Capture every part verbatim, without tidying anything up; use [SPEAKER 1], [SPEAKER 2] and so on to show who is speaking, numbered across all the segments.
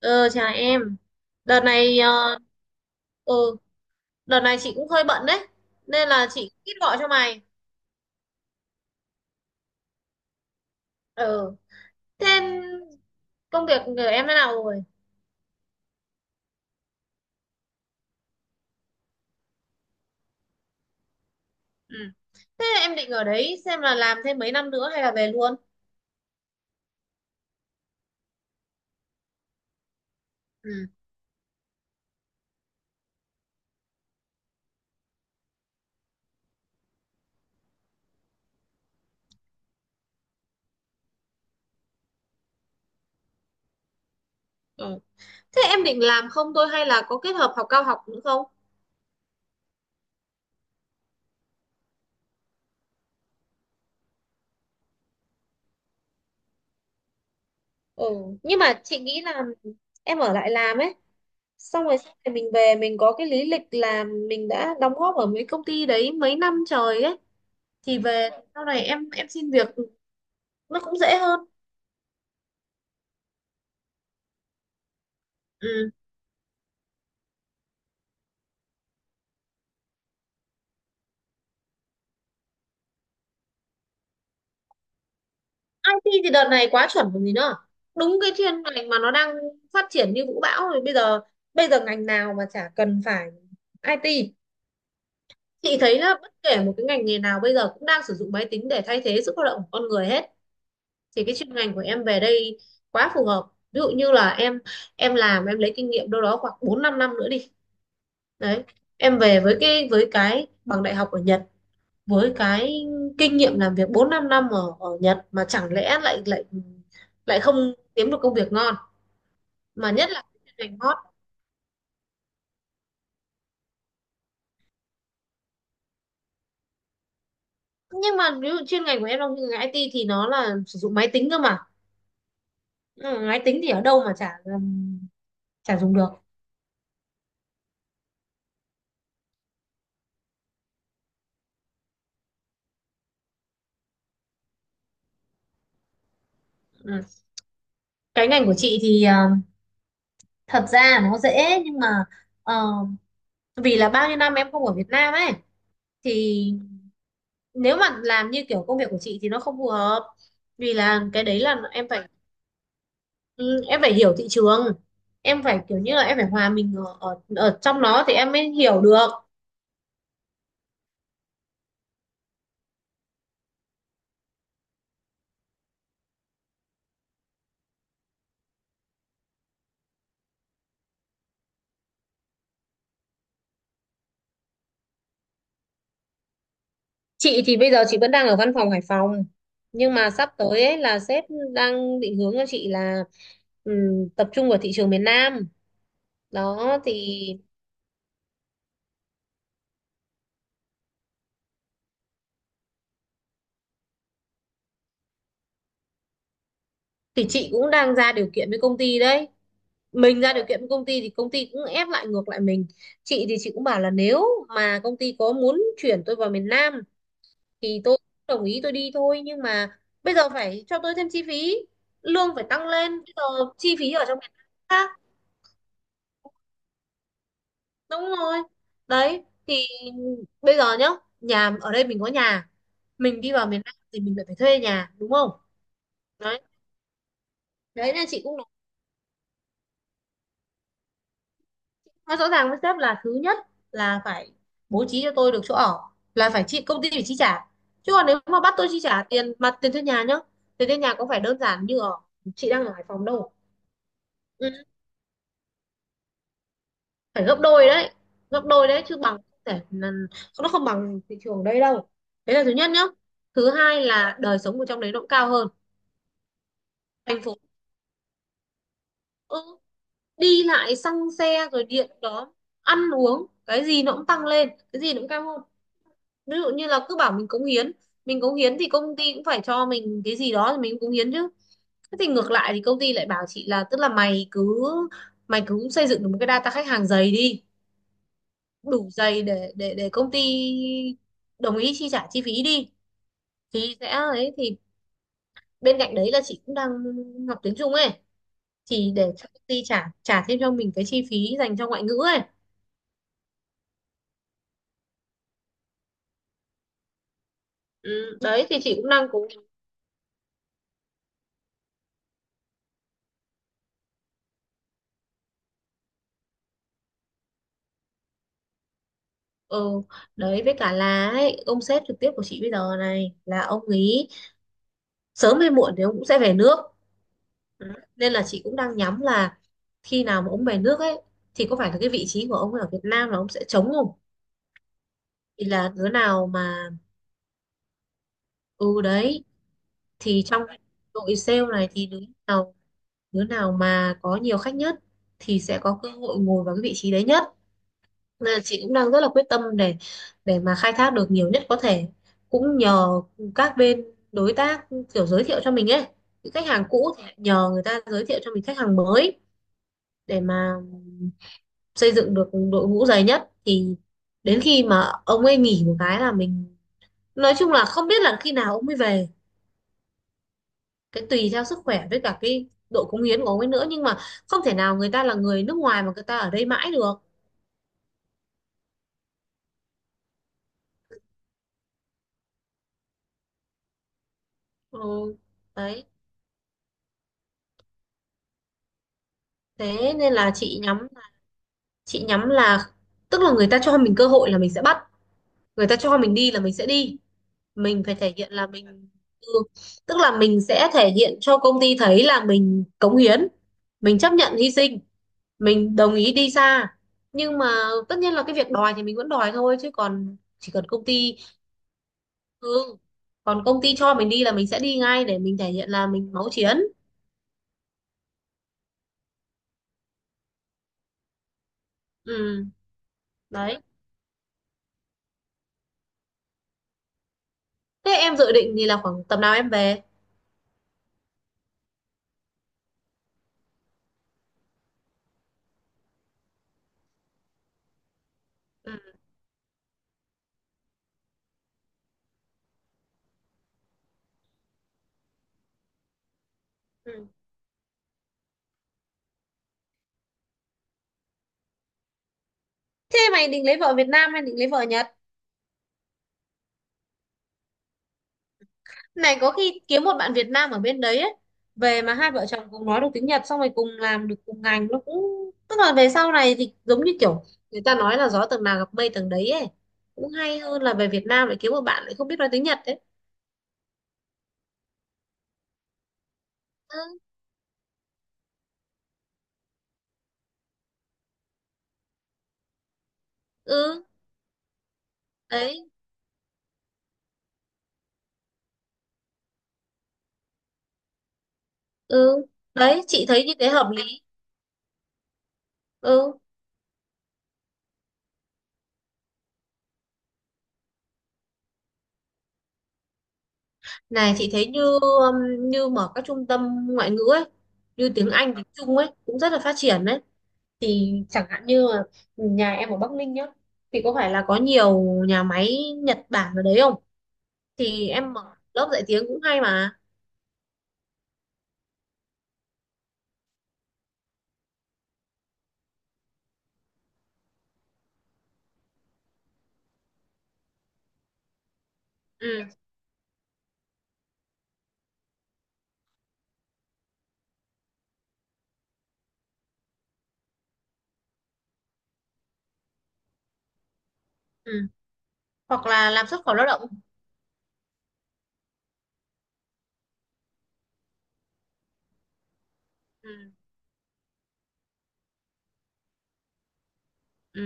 [SPEAKER 1] Ờ, Chào em. Đợt này ờ, ừ, Đợt này chị cũng hơi bận đấy. Nên là chị ít gọi cho mày. Ừ. Thế công việc của em thế nào rồi? Ừ. Thế em định ở đấy xem là làm thêm mấy năm nữa hay là về luôn? Ừ. Ừ. Thế em định làm không thôi hay là có kết hợp học cao học nữa không? Ừ. Nhưng mà chị nghĩ là em ở lại làm ấy. Xong rồi sau này mình về mình có cái lý lịch là mình đã đóng góp ở mấy công ty đấy mấy năm trời ấy. Thì về sau này em em xin việc nó cũng dễ hơn. Ừ. i tê thì đợt này quá chuẩn còn gì nữa, đúng cái chuyên ngành mà nó đang phát triển như vũ bão rồi. Bây giờ bây giờ ngành nào mà chả cần phải i tê. Chị thấy là bất kể một cái ngành nghề nào bây giờ cũng đang sử dụng máy tính để thay thế sự lao động của con người hết, thì cái chuyên ngành của em về đây quá phù hợp. Ví dụ như là em em làm, em lấy kinh nghiệm đâu đó khoảng bốn 5 năm nữa đi. Đấy, em về với cái với cái bằng đại học ở Nhật, với cái kinh nghiệm làm việc bốn năm năm ở ở Nhật mà chẳng lẽ lại lại lại không kiếm được công việc ngon, mà nhất là cái chuyên ngành hot. Nhưng mà ví dụ chuyên ngành của em, trong chuyên ngành i tê thì nó là sử dụng máy tính cơ mà. Ừ, máy tính thì ở đâu mà chả chả dùng được. Ừ. Cái ngành của chị thì ờ, thật ra nó dễ, nhưng mà ờ, vì là bao nhiêu năm em không ở Việt Nam ấy, thì nếu mà làm như kiểu công việc của chị thì nó không phù hợp. Vì là cái đấy là em phải. Ừ, em phải hiểu thị trường, em phải kiểu như là em phải hòa mình ở, ở ở trong nó thì em mới hiểu được. Chị thì bây giờ chị vẫn đang ở văn phòng Hải Phòng, nhưng mà sắp tới ấy là sếp đang định hướng cho chị là, ừm, tập trung vào thị trường miền Nam. Đó thì thì chị cũng đang ra điều kiện với công ty đấy. Mình ra điều kiện với công ty thì công ty cũng ép lại ngược lại mình. Chị thì chị cũng bảo là nếu mà công ty có muốn chuyển tôi vào miền Nam thì tôi đồng ý, tôi đi thôi, nhưng mà bây giờ phải cho tôi thêm chi phí, lương phải tăng lên. Bây giờ chi phí ở trong miền Nam khác. Đúng rồi. Đấy thì bây giờ nhá, nhà ở đây mình có nhà, mình đi vào miền Nam thì mình lại phải thuê nhà đúng không? Đấy. Đấy nên chị cũng nói nói rõ ràng với sếp là, thứ nhất là phải bố trí cho tôi được chỗ ở, là phải chị công ty phải chi trả. Chứ còn nếu mà bắt tôi chi trả tiền mặt, tiền thuê nhà nhá, tiền thuê nhà có phải đơn giản như ở, chị đang ở Hải Phòng đâu. Ừ. Phải gấp đôi đấy. Gấp đôi đấy, chứ bằng không thể là- nó không bằng thị trường đây đâu. Đấy là thứ nhất nhá. Thứ hai là đời sống ở trong đấy nó cũng cao hơn, thành phố. ừ, đi lại xăng xe rồi điện đó, ăn uống cái gì nó cũng tăng lên, cái gì nó cũng cao hơn. Ví dụ như là cứ bảo mình cống hiến, mình cống hiến thì công ty cũng phải cho mình cái gì đó thì mình cũng cống hiến chứ. Thế thì ngược lại thì công ty lại bảo chị là, tức là mày cứ mày cứ xây dựng được một cái data khách hàng dày đi, đủ dày để để để công ty đồng ý chi trả chi phí đi. Thì sẽ ấy, thì bên cạnh đấy là chị cũng đang học tiếng Trung ấy, thì để cho công ty trả trả thêm cho mình cái chi phí dành cho ngoại ngữ ấy. Ừ, đấy thì chị cũng đang cố. Ừ, đấy với cả là ấy, ông sếp trực tiếp của chị bây giờ này là ông ấy sớm hay muộn thì ông cũng sẽ về nước. Ừ. Nên là chị cũng đang nhắm là khi nào mà ông về nước ấy, thì có phải là cái vị trí của ông ở Việt Nam là ông sẽ trống không. Thì là đứa nào mà. Ừ đấy, thì trong đội sale này thì đứa nào đứa nào mà có nhiều khách nhất thì sẽ có cơ hội ngồi vào cái vị trí đấy nhất. Nên là chị cũng đang rất là quyết tâm để để mà khai thác được nhiều nhất có thể. Cũng nhờ các bên đối tác kiểu giới thiệu cho mình ấy, những khách hàng cũ thì lại nhờ người ta giới thiệu cho mình khách hàng mới, để mà xây dựng được đội ngũ dày nhất, thì đến khi mà ông ấy nghỉ một cái là mình. Nói chung là không biết là khi nào ông ấy về, cái tùy theo sức khỏe với cả cái độ cống hiến của ông ấy nữa, nhưng mà không thể nào người ta là người nước ngoài mà người ta ở đây mãi được. Ừ. Đấy, thế nên là chị nhắm chị nhắm là tức là người ta cho mình cơ hội là mình sẽ bắt, người ta cho mình đi là mình sẽ đi. Mình phải thể hiện là mình. Ừ. Tức là mình sẽ thể hiện cho công ty thấy là mình cống hiến, mình chấp nhận hy sinh, mình đồng ý đi xa, nhưng mà tất nhiên là cái việc đòi thì mình vẫn đòi thôi, chứ còn chỉ cần công ty. Ừ. Còn công ty cho mình đi là mình sẽ đi ngay, để mình thể hiện là mình máu chiến. Ừ, đấy. Thế em dự định thì là khoảng tầm nào em về? Ừ. Ừ. Thế mày định lấy vợ Việt Nam hay định lấy vợ Nhật? Này có khi kiếm một bạn Việt Nam ở bên đấy ấy. Về mà hai vợ chồng cùng nói được tiếng Nhật, xong rồi cùng làm được cùng ngành, nó cũng tức là về sau này thì giống như kiểu người ta nói là gió tầng nào gặp mây tầng đấy ấy. Cũng hay hơn là về Việt Nam lại kiếm một bạn lại không biết nói tiếng Nhật đấy. Ừ, ừ, đấy, ừ. Đấy, chị thấy như thế hợp lý. Ừ. Này chị thấy như um, như mở các trung tâm ngoại ngữ ấy, như tiếng Anh, tiếng Trung ấy cũng rất là phát triển đấy. Thì chẳng hạn như là nhà em ở Bắc Ninh nhá, thì có phải là có nhiều nhà máy Nhật Bản ở đấy không? Thì em mở lớp dạy tiếng cũng hay mà. Ừ, ừ. Hoặc là làm xuất khẩu lao động. Ừ. Ừ,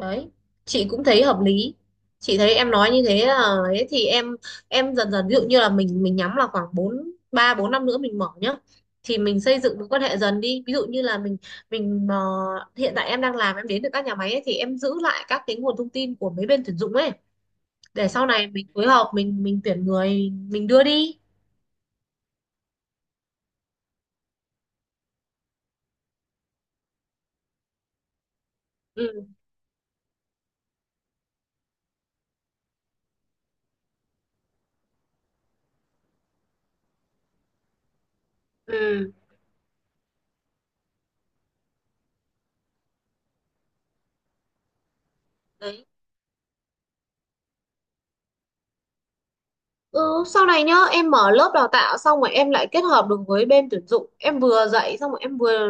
[SPEAKER 1] đấy, chị cũng thấy hợp lý. Chị thấy em nói như thế là, ấy thì em em dần dần, ví dụ như là mình mình nhắm là khoảng bốn, ba bốn năm nữa mình mở nhá, thì mình xây dựng mối quan hệ dần đi. Ví dụ như là mình mình ờ, hiện tại em đang làm em đến được các nhà máy ấy, thì em giữ lại các cái nguồn thông tin của mấy bên tuyển dụng ấy, để sau này mình phối hợp mình mình tuyển người, mình đưa đi. Ừ. Ừ, đấy. Ừ, sau này nhá em mở lớp đào tạo, xong rồi em lại kết hợp được với bên tuyển dụng, em vừa dạy, xong rồi em vừa,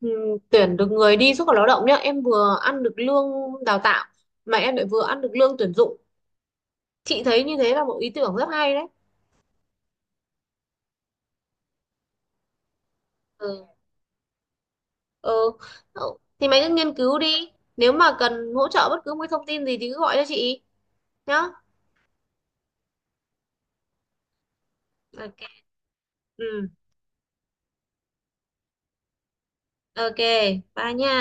[SPEAKER 1] ừm, tuyển được người đi xuất khẩu lao động nhá, em vừa ăn được lương đào tạo, mà em lại vừa ăn được lương tuyển dụng. Chị thấy như thế là một ý tưởng rất hay đấy. Ừ. Ừ. Ừ, thì mày cứ nghiên cứu đi, nếu mà cần hỗ trợ bất cứ một cái thông tin gì thì cứ gọi cho chị nhá. OK. Ừ. OK, bye nha.